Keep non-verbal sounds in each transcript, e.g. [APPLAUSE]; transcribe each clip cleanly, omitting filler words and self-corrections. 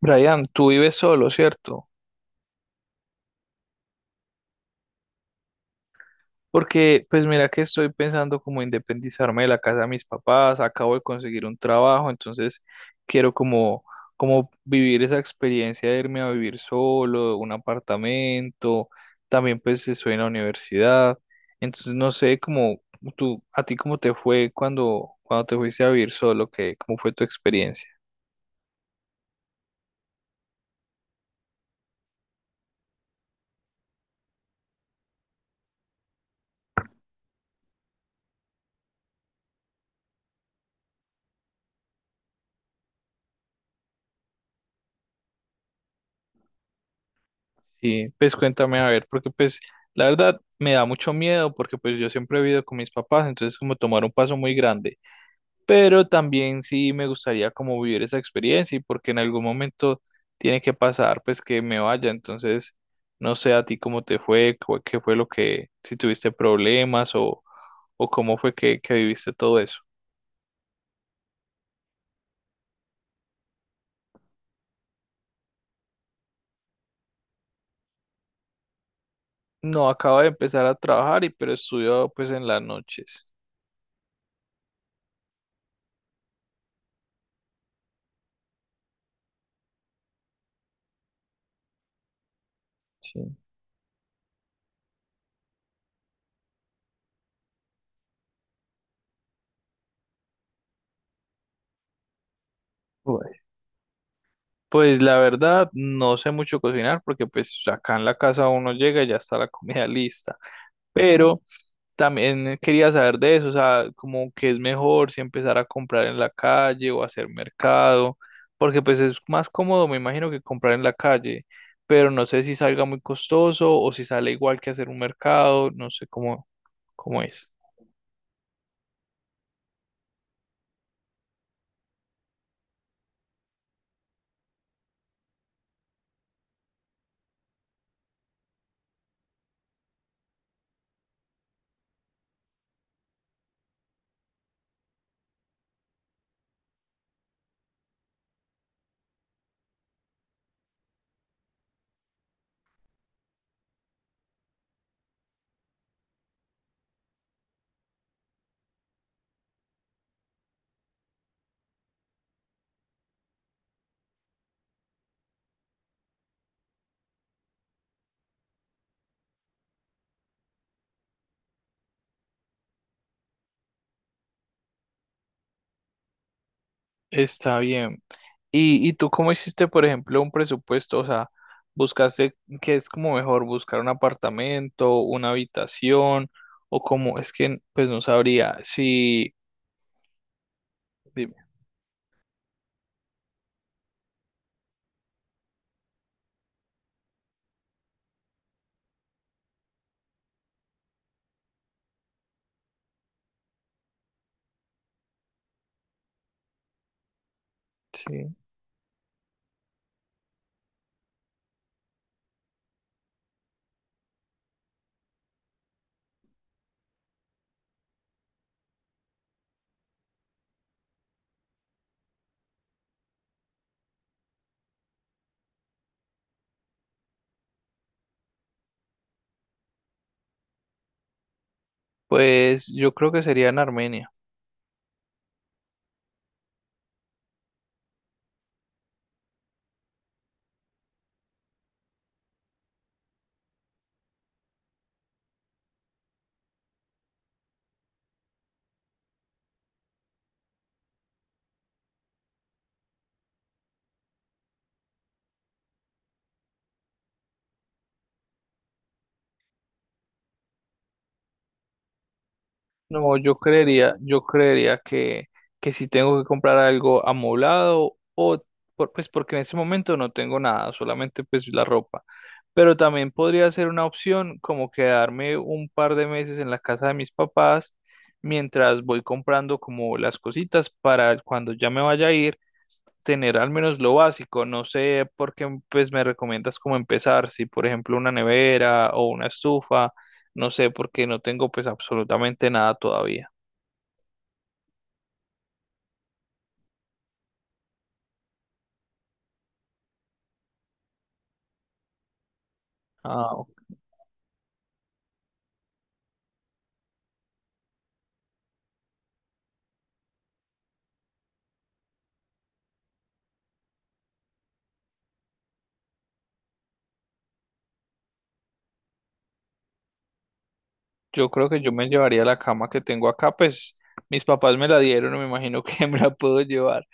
Brian, tú vives solo, ¿cierto? Porque, pues mira que estoy pensando como independizarme de la casa de mis papás, acabo de conseguir un trabajo, entonces quiero como vivir esa experiencia de irme a vivir solo, un apartamento, también pues estoy en la universidad, entonces no sé a ti cómo te fue cuando te fuiste a vivir solo, cómo fue tu experiencia. Sí, pues cuéntame a ver, porque pues la verdad me da mucho miedo porque pues yo siempre he vivido con mis papás, entonces como tomar un paso muy grande, pero también sí me gustaría como vivir esa experiencia y porque en algún momento tiene que pasar pues que me vaya, entonces no sé a ti cómo te fue, cu- qué fue lo que, si tuviste problemas o cómo fue que viviste todo eso. No, acabo de empezar a trabajar y pero estudio pues en las noches. Sí. Pues la verdad, no sé mucho cocinar porque pues acá en la casa uno llega y ya está la comida [LAUGHS] lista. Pero también quería saber de eso, o sea, como que es mejor si empezar a comprar en la calle o hacer mercado, porque pues es más cómodo, me imagino, que comprar en la calle, pero no sé si salga muy costoso o si sale igual que hacer un mercado, no sé cómo, cómo es. Está bien. Y tú cómo hiciste, por ejemplo, un presupuesto? O sea, ¿buscaste qué es como mejor buscar un apartamento, una habitación o como es que pues no sabría si dime, sí? Pues yo creo que sería en Armenia. No, yo creería que si tengo que comprar algo amoblado o pues porque en ese momento no tengo nada, solamente pues la ropa. Pero también podría ser una opción como quedarme un par de meses en la casa de mis papás mientras voy comprando como las cositas para cuando ya me vaya a ir, tener al menos lo básico. No sé por qué pues, me recomiendas cómo empezar, si por ejemplo una nevera o una estufa, no sé porque no tengo pues absolutamente nada todavía. Ah, yo creo que yo me llevaría la cama que tengo acá, pues mis papás me la dieron, me imagino que [LAUGHS] me la puedo llevar.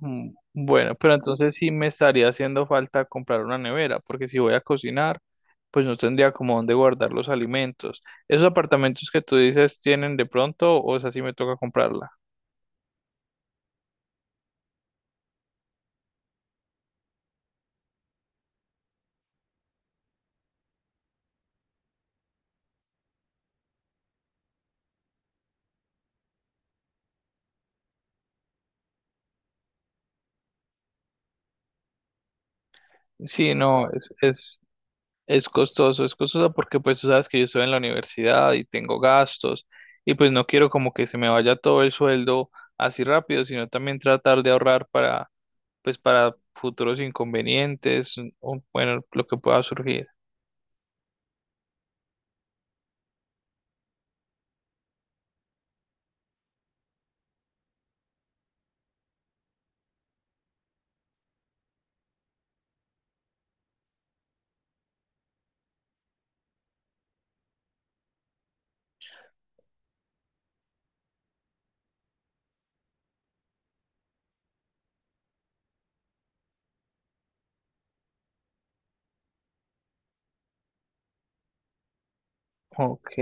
Mm, bueno, pero entonces sí me estaría haciendo falta comprar una nevera, porque si voy a cocinar, pues no tendría como dónde guardar los alimentos. ¿Esos apartamentos que tú dices tienen de pronto o esa sí me toca comprarla? Sí, no, es es costoso porque pues tú sabes que yo estoy en la universidad y tengo gastos y pues no quiero como que se me vaya todo el sueldo así rápido, sino también tratar de ahorrar para pues para futuros inconvenientes o bueno, lo que pueda surgir. Ok.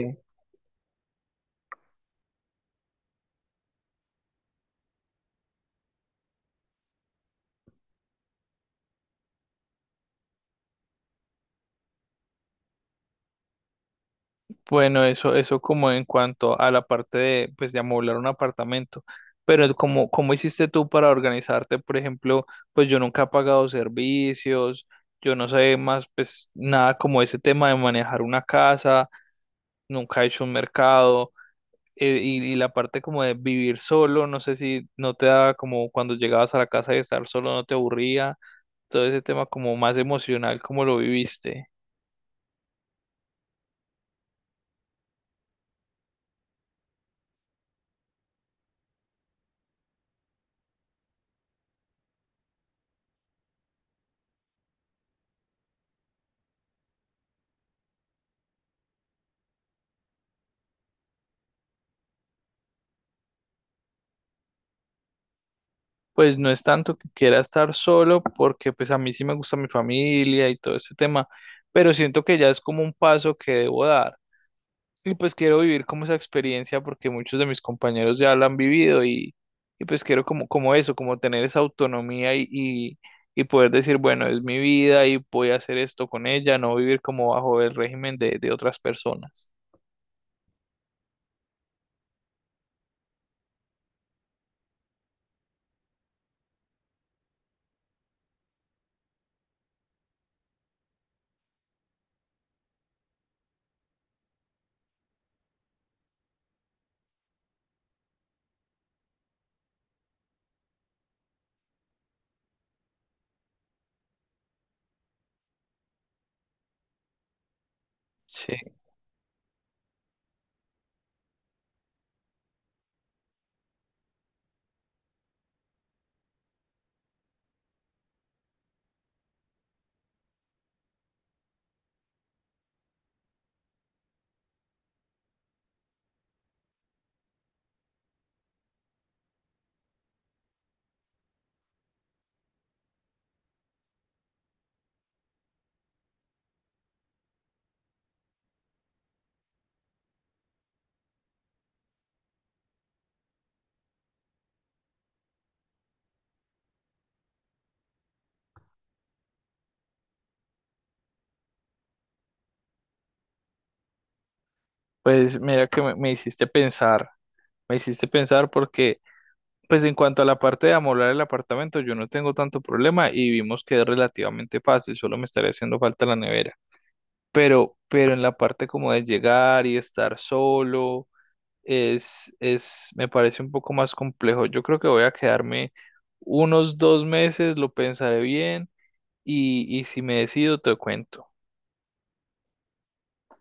Bueno, eso como en cuanto a la parte de, pues, de amoblar un apartamento. Pero ¿cómo, cómo hiciste tú para organizarte? Por ejemplo, pues yo nunca he pagado servicios, yo no sé más, pues nada como ese tema de manejar una casa, nunca he hecho un mercado, y la parte como de vivir solo, no sé si no te daba como cuando llegabas a la casa y estar solo no te aburría, todo ese tema como más emocional, ¿cómo lo viviste? Pues no es tanto que quiera estar solo, porque pues a mí sí me gusta mi familia y todo ese tema, pero siento que ya es como un paso que debo dar. Y pues quiero vivir como esa experiencia porque muchos de mis compañeros ya la han vivido y pues quiero como eso, como tener esa autonomía y poder decir, bueno, es mi vida y voy a hacer esto con ella, no vivir como bajo el régimen de otras personas. Sí, pues mira que me hiciste pensar, me hiciste pensar porque... Pues en cuanto a la parte de amoblar el apartamento, yo no tengo tanto problema y vimos que es relativamente fácil, solo me estaría haciendo falta la nevera. Pero en la parte como de llegar y estar solo, me parece un poco más complejo. Yo creo que voy a quedarme unos 2 meses, lo pensaré bien y si me decido te cuento.